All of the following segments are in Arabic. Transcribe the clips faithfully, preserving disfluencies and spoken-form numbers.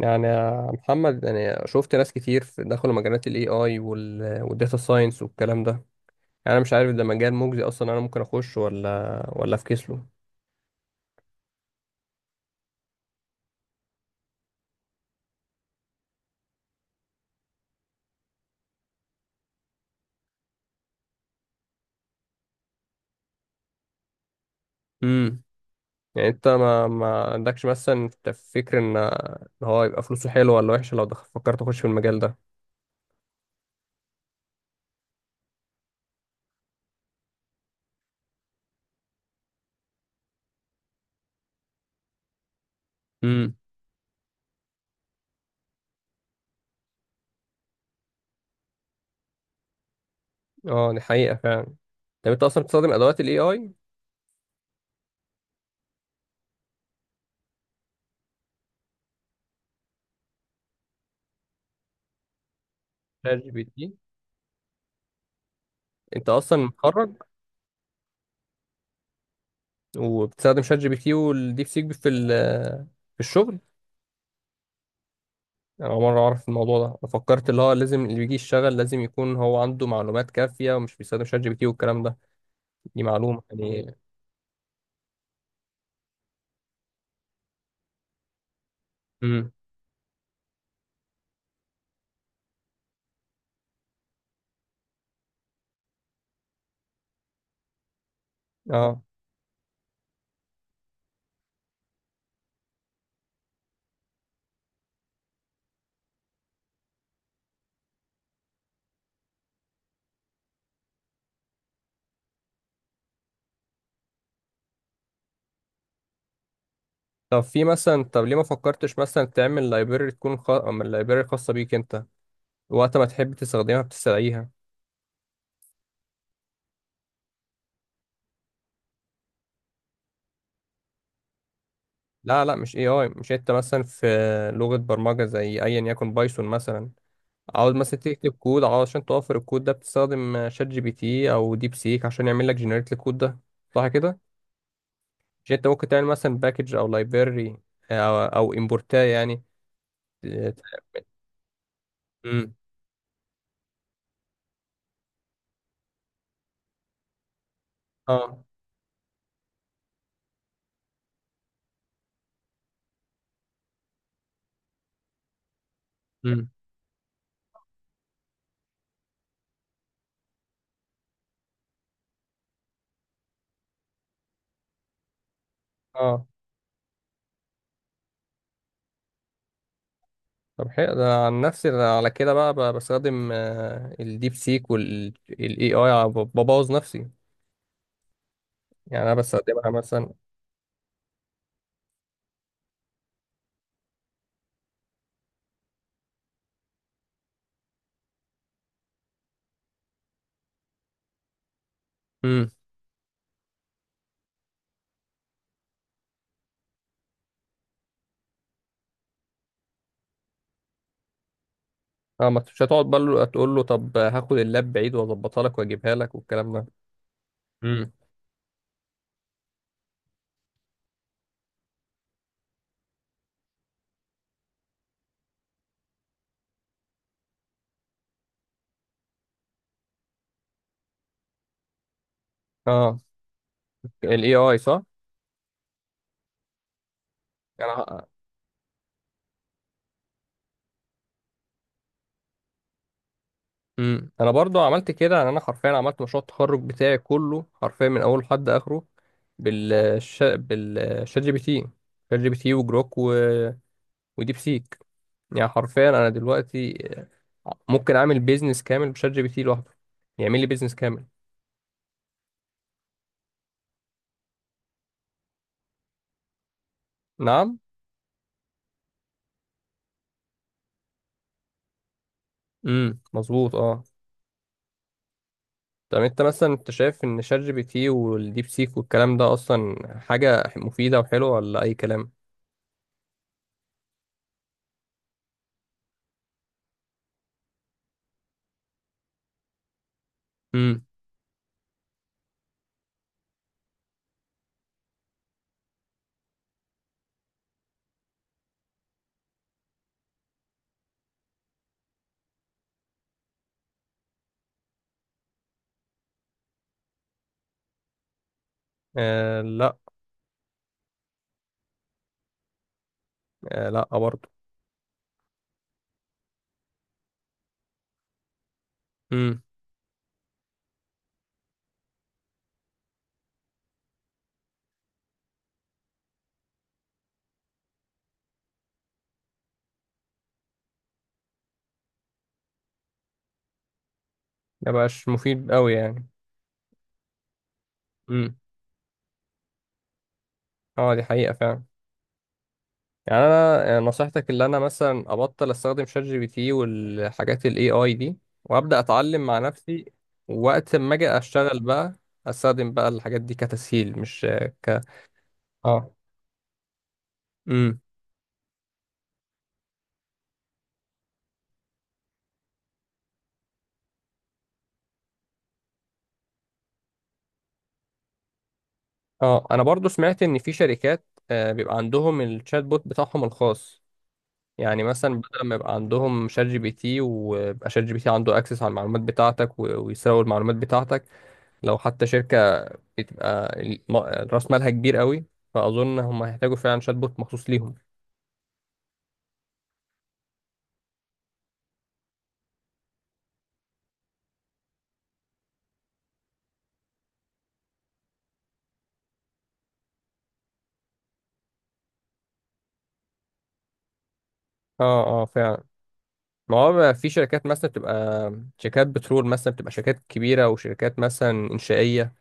يعني يا محمد، انا شفت ناس كتير في- دخلوا مجالات الاي اي والداتا ساينس والكلام ده. يعني انا مش عارف ده مجال مجزي اصلا، انا ممكن اخش ولا ولا افكس له. امم. يعني انت ما ما عندكش، مثلا انت فكر ان إن هو يبقى فلوسه حلوه ولا وحشه لو دخل، فكرت اخش في المجال ده؟ امم. اه دي حقيقه فعلا. طب انت اصلا بتستخدم ادوات الاي اي؟ شات جي بي تي. انت اصلا متخرج؟ وبتستخدم شات جي بي تي والديب سيك في ال- في الشغل. انا أول مره اعرف الموضوع ده، انا فكرت اللي هو لازم اللي بيجي يشتغل لازم يكون هو عنده معلومات كافيه ومش بيستخدم شات جي بي تي والكلام ده، دي معلومه يعني. امم. اه. طب في مثلا طب ليه ما فكرتش مثلا تعمل لايبرري تكون خ... من اللايبرري خاصه بيك انت، وقت ما تحب تستخدمها بتستدعيها؟ لا، لا، مش اي اي مش، انت مثلا في لغه برمجه زي ايا يكن بايثون مثلا، عاوز مثلا تكتب كود عشان توفر الكود ده، بتستخدم شات جي بي تي او ديب سيك عشان يعمل لك جنريت الكود ده، صح كده؟ مش انت ممكن تعمل مثلا باكج او لايبرري، او او امبورتاه يعني؟ امم. اه. امم. اه. طب حلو، ده عن نفسي ده على كده بقى, بقى بستخدم آه، الديب سيك والاي اي ببوظ نفسي، يعني انا بستخدمها مثلا. امم. اه. ما مش هتقعد بقى له- تقول له طب هاخد اللاب بعيد واظبطها لك واجيبها لك والكلام ده. امم. اه. الاي اي، صح؟ انا امم انا برضو عملت كده، يعني انا حرفيا عملت مشروع التخرج بتاعي كله حرفيا من اوله لحد اخره، بالش... بالشات جي بي تي. شات جي بي تي وجروك و... وديب سيك. يعني حرفيا انا دلوقتي ممكن اعمل بيزنس كامل بشات جي بي تي لوحده، يعمل لي بيزنس كامل. نعم. امم، مظبوط، اه. طب انت مثلا، انت شايف ان شات جي بي تي والديب سيك والكلام ده اصلا حاجة مفيدة وحلوة ولا اي كلام؟ امم. آه لا. آه لا برضو. ما بقاش مفيد قوي يعني. امم. اه، دي حقيقة فعلا. يعني انا، يعني نصيحتك اللي انا مثلا ابطل استخدم شات جي بي تي والحاجات الاي اي دي، وابدا اتعلم مع نفسي، وقت ما اجي اشتغل بقى استخدم بقى الحاجات دي كتسهيل، مش ك اه. امم. اه، انا برضو سمعت ان في شركات آه، بيبقى عندهم الشات بوت بتاعهم الخاص، يعني مثلا بدل ما يبقى عندهم شات جي بي تي ويبقى شات جي بي تي عنده اكسس على المعلومات بتاعتك و- ويسرق المعلومات بتاعتك. لو حتى شركة بتبقى الم- راس مالها كبير قوي، فاظن هم هيحتاجوا فعلا شات بوت مخصوص ليهم. اه، اه فعلا. ما هو بقى في شركات مثلا بتبقى شركات بترول مثلا، بتبقى شركات كبيره، وشركات مثلا انشائيه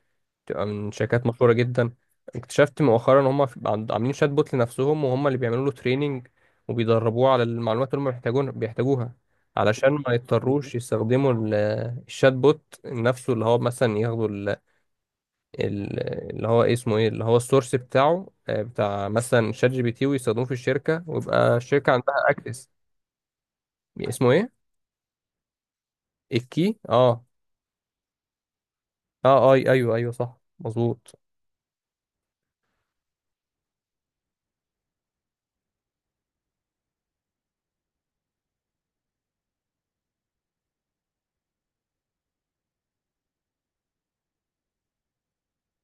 بتبقى من شركات مشهوره جدا. اكتشفت مؤخرا ان هم في- عند- عاملين شات بوت لنفسهم، وهم اللي بيعملوا له تريننج وبيدربوه على المعلومات اللي هم محتاجون بيحتاجوها، علشان ما يضطروش يستخدموا ال- الشات بوت نفسه، اللي هو مثلا ياخدوا ال- اللي هو إيه اسمه ايه، اللي هو السورس بتاعه، آه، بتاع مثلا شات جي بي تي، ويستخدموه في الشركه ويبقى الشركه عندها اكسس. اسمه ايه؟ الكي. اه. اه، اي، ايوه، ايوه، صح، مظبوط.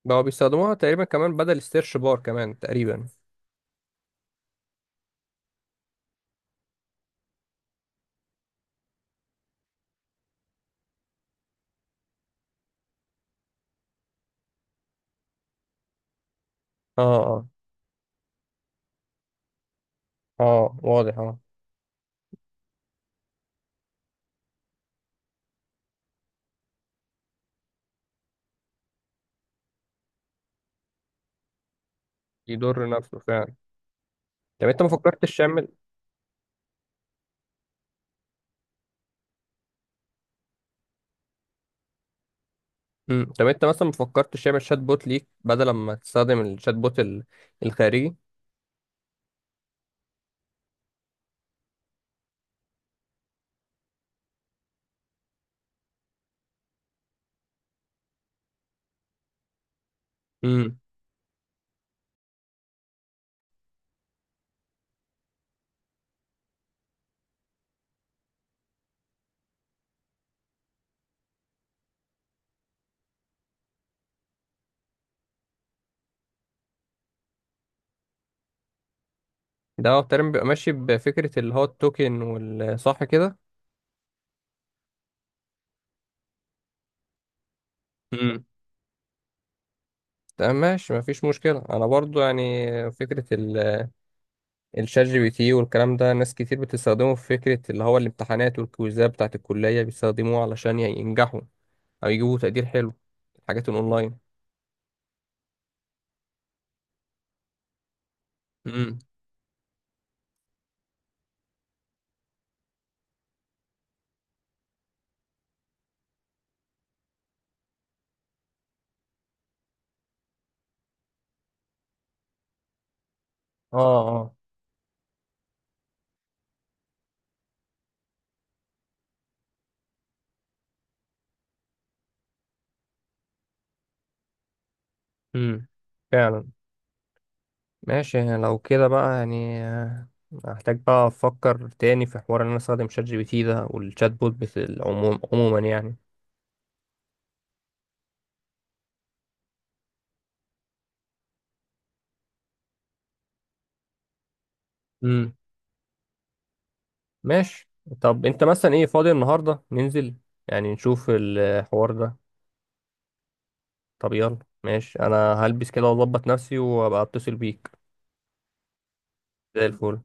بقوا بيستخدموها تقريبا كمان بدل السيرش بار كمان تقريبا. اه. اه. اه، واضح. اه. يضر نفسه فعلا. طب انت ما فكرتش تعمل مم. طب انت مثلا ما فكرتش تعمل شات بوت ليك بدل ما تستخدم الشات بوت ال- الخارجي؟ امم. ده هو تقريبا بيبقى ماشي بفكره اللي هو التوكن، والصح كده. تمام، ماشي، مفيش مشكلة. أنا برضو يعني فكرة ال- الشات جي بي تي والكلام ده، ناس كتير بتستخدمه في فكرة اللي هو الامتحانات والكويزات بتاعة الكلية، بيستخدموه علشان يعني ينجحوا أو يجيبوا تقدير حلو، الحاجات الأونلاين. امم. اه. اه. امم، فعلا. ماشي، لو كده بقى يعني آه، هحتاج بقى أفكر تاني في حوار إن أنا أستخدم شات جي بي تي ده والشات بوت، بت- عموم- عموما يعني. امم. ماشي. طب أنت مثلا، إيه فاضي النهاردة ننزل يعني نشوف الحوار ده؟ طب يلا. ماشي، انا هلبس كده واظبط نفسي وابقى اتصل بيك. زي الفل.